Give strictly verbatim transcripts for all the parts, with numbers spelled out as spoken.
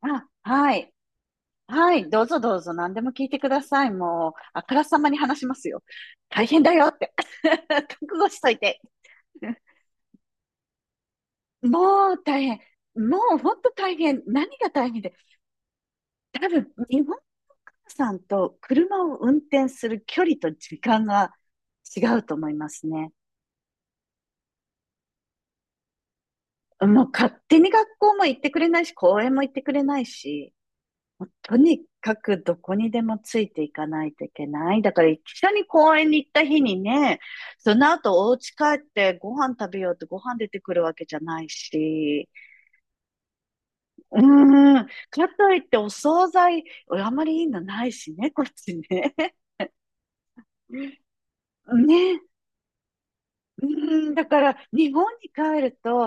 あ、はい。はい。どうぞどうぞ。何でも聞いてください。もう、あからさまに話しますよ。大変だよって。覚悟しといて。もう大変。もう本当大変。何が大変で。多分、日本さんと車を運転する距離と時間が違うと思いますね。もう勝手に学校も行ってくれないし、公園も行ってくれないし。もうとにかくどこにでもついていかないといけない。だから一緒に公園に行った日にね、その後お家帰ってご飯食べようってご飯出てくるわけじゃないし、うーん、かといってお惣菜、あまりいいのないしね、こっちね。ね、うーん、だから日本に帰ると、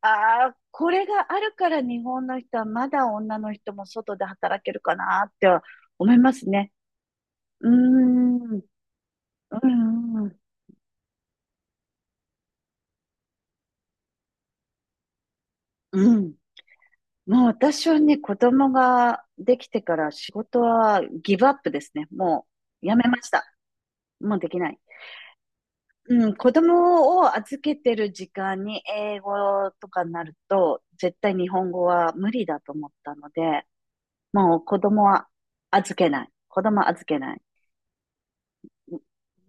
ああ、これがあるから日本の人はまだ女の人も外で働けるかなって思いますね。うーん。うんうんうん。もう私はね、子供ができてから仕事はギブアップですね。もうやめました。もうできない。うん、子供を預けてる時間に英語とかになると、絶対日本語は無理だと思ったので、もう子供は預けない。子供は預けない。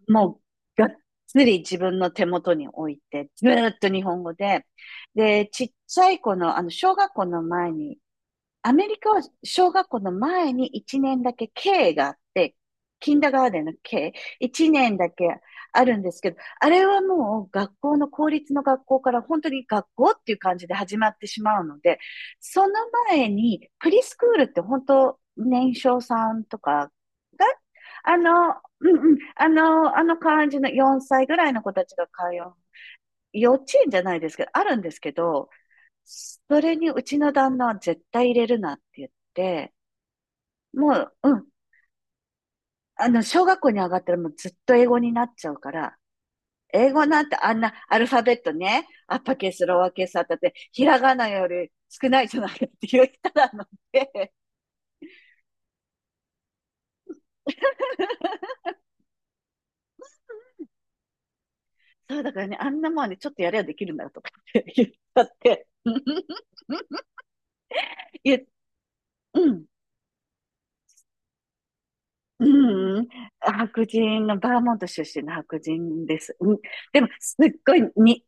もうがっつり自分の手元に置いて、ずーっと日本語で、で、ちっちゃい子の、あの、小学校の前にアメリカは小学校の前にいちねんだけ K があって、キンダーガーデンの K、いちねんだけあるんですけど、あれはもう学校の公立の学校から本当に学校っていう感じで始まってしまうので、その前にプリスクールって本当年少さんとかが、あの、うんうん、あの、あの感じのよんさいぐらいの子たちが通う幼稚園じゃないですけど、あるんですけど、それにうちの旦那は絶対入れるなって言って、もう、うん、あの、小学校に上がったらもうずっと英語になっちゃうから、英語なんてあんなアルファベットね、アッパーケース、ローアーケースあったって、ひらがなより少ないじゃないかって言ったらので、そうだからね、あんなもんね、ちょっとやればできるんだよとかって言ったって、言っうん、うん、白人の、バーモント出身の白人です。うん、でも、すっごいに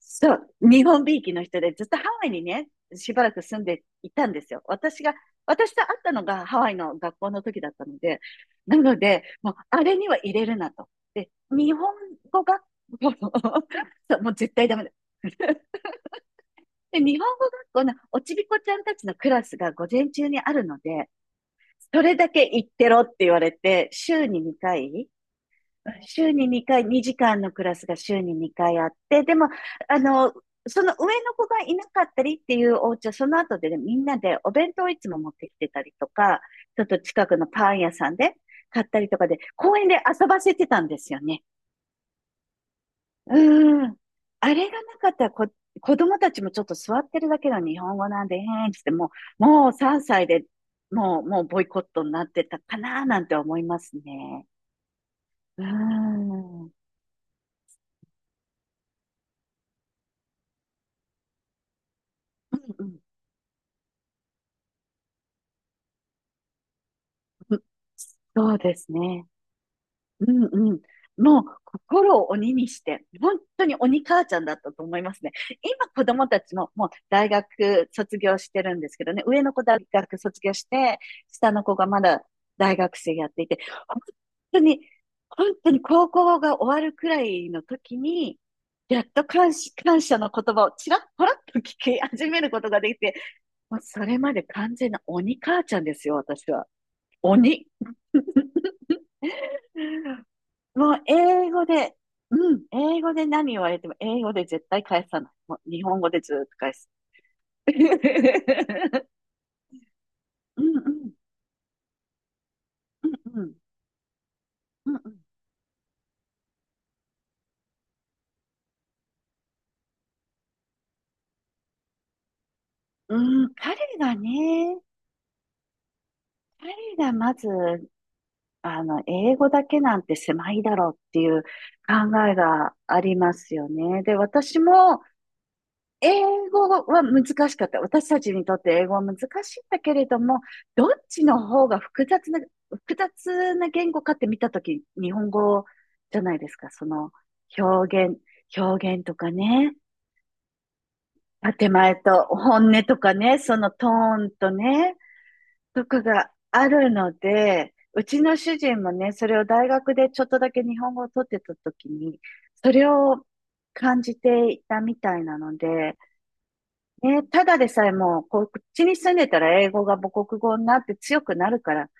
そう、日本びいきの人で、ずっとハワイにね、しばらく住んでいたんですよ。私が、私と会ったのがハワイの学校の時だったので、なので、もう、あれには入れるなと。で、日本語学校の そう、もう絶対ダメだ。で、日本語学校のおちびこちゃんたちのクラスが午前中にあるので、それだけ行ってろって言われて、週に2回、週ににかい、にじかんのクラスが週ににかいあって、でも、あの、その上の子がいなかったりっていうお家は、その後でね、みんなでお弁当をいつも持ってきてたりとか、ちょっと近くのパン屋さんで買ったりとかで、公園で遊ばせてたんですよね。うん。あれがなかったらこ、子供たちもちょっと座ってるだけの日本語なんで、へーんってもう、もうさんさいでもう、もうボイコットになってたかななんて思いますね。うん。うんうん。そうですね。うんうん。もう心を鬼にして、本当に鬼母ちゃんだったと思いますね。今子供たちももう大学卒業してるんですけどね、上の子大学卒業して、下の子がまだ大学生やっていて、本当に、本当に高校が終わるくらいの時に、やっと感謝、感謝の言葉をちらっぽらっと聞き始めることができて、もうそれまで完全な鬼母ちゃんですよ、私は。鬼。もう英語で、うん、英語で何言われても、英語で絶対返さない。もう日本語でずーっと返す。うんうん、うんうん、うんうん。うん、彼がね、彼がまず、あの、英語だけなんて狭いだろうっていう考えがありますよね。で、私も、英語は難しかった。私たちにとって英語は難しいんだけれども、どっちの方が複雑な、複雑な言語かって見たとき、日本語じゃないですか。その表現、表現とかね、建前と本音とかね、そのトーンとね、とかがあるので、うちの主人もね、それを大学でちょっとだけ日本語を取ってたときに、それを感じていたみたいなので、ね、ただでさえもう、こっちに住んでたら英語が母国語になって強くなるから、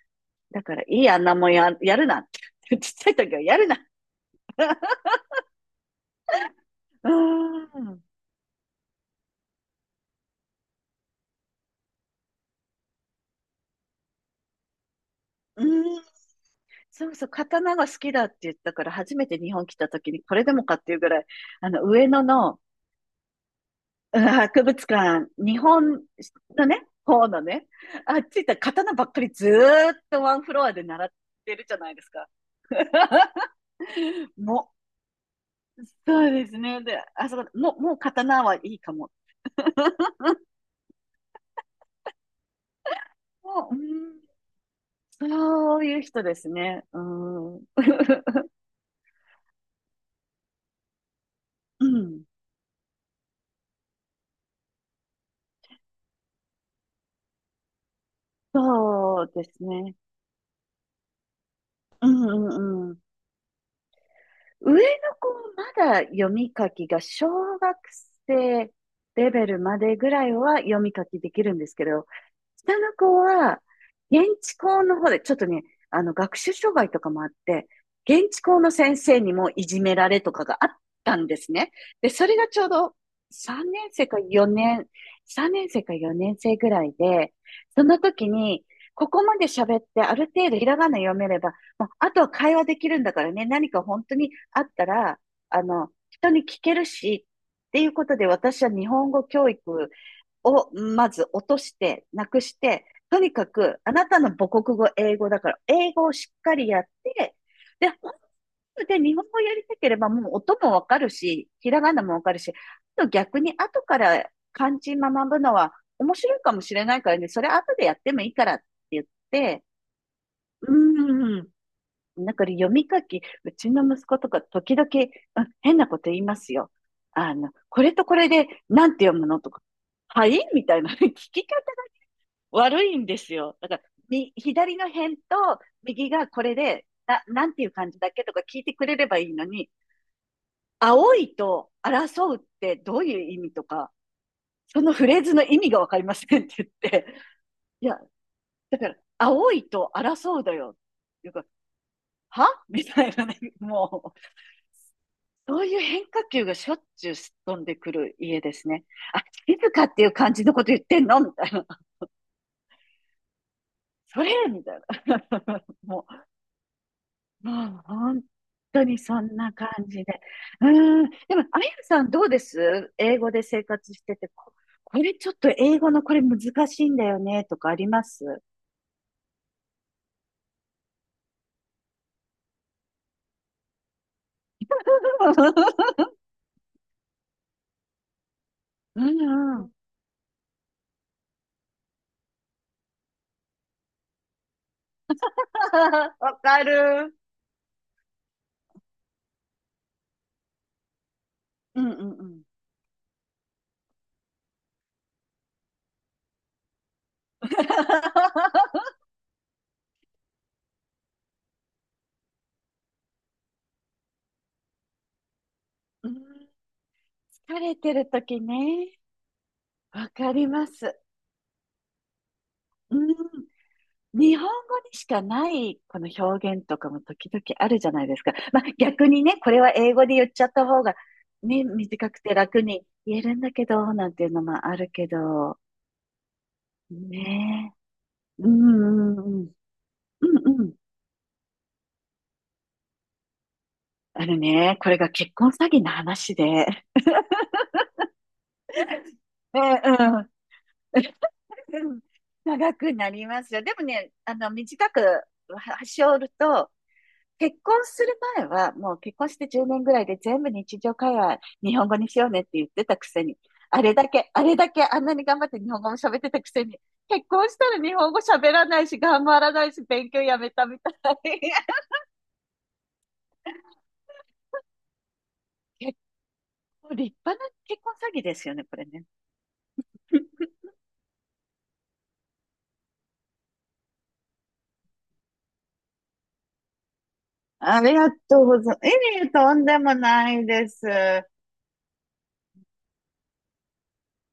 だからいいあんなもんや、やるなって。ちっちゃい時はやるな。うーん。うーん。そうそう、刀が好きだって言ったから、初めて日本来た時にこれでもかっていうぐらい、あの、上野のうん博物館、日本のね、方のね、あっち行ったら刀ばっかりずーっとワンフロアで習ってるじゃないですか。もう、そうですね。で、あそこ、もう、もう刀はいいかも。う、うん、そういう人ですね。うん。うん。そうですね。うんうん。上の子まだ読み書きが小学生レベルまでぐらいは読み書きできるんですけど、下の子は現地校の方で、ちょっとね、あの学習障害とかもあって、現地校の先生にもいじめられとかがあったんですね。で、それがちょうど3年生か4年、さんねん生かよねん生ぐらいで、その時に、ここまで喋ってある程度ひらがな読めればまあ、あとは会話できるんだからね、何か本当にあったら、あの、人に聞けるし、っていうことで私は日本語教育をまず落として、なくして、とにかくあなたの母国語、英語だから、英語をしっかりやって、で、本当で日本語やりたければもう音もわかるし、ひらがなもわかるし、あと逆に後から漢字学ぶのは面白いかもしれないからね、それ後でやってもいいからって言って、うん、なんか読み書き、うちの息子とか時々、うん変なこと言いますよ。あの、これとこれでなんて読むのとか、はいみたいな 聞き方が悪いんですよ。だから、み、左の辺と右がこれで、な、なんていう感じだっけとか聞いてくれればいいのに、青いと争うってどういう意味とか、そのフレーズの意味がわかりませんって言って、いや、だから、青いと争うだよ。かはみたいなね、もう。そういう変化球がしょっちゅうすっ飛んでくる家ですね。あ、静かっていう感じのこと言ってんのみたいな。それみたいな。もう、もう本当にそんな感じで。うーん。でも、あやさんどうです英語で生活してて、こ、これちょっと英語のこれ難しいんだよねとかあります？ うんうん。わかる。うんうんうん。うん。疲れてる時ね。わかります。うん。日本語にしかないこの表現とかも時々あるじゃないですか。まあ逆にね、これは英語で言っちゃった方がね、短くて楽に言えるんだけど、なんていうのもあるけど、ねえ。うんうんうん。うんうん。あのね、これが結婚詐欺の話で。うんうん。長くなりますよ。でもね、あの、短くはし折ると、結婚する前は、もう結婚してじゅうねんぐらいで全部日常会話日本語にしようねって言ってたくせに、あれだけ、あれだけあんなに頑張って日本語も喋ってたくせに、結婚したら日本語喋らないし、頑張らないし、勉強やめたみたい。結構立派な結婚詐欺ですよね、これね。ありがとうございます。いえいとんでもないです。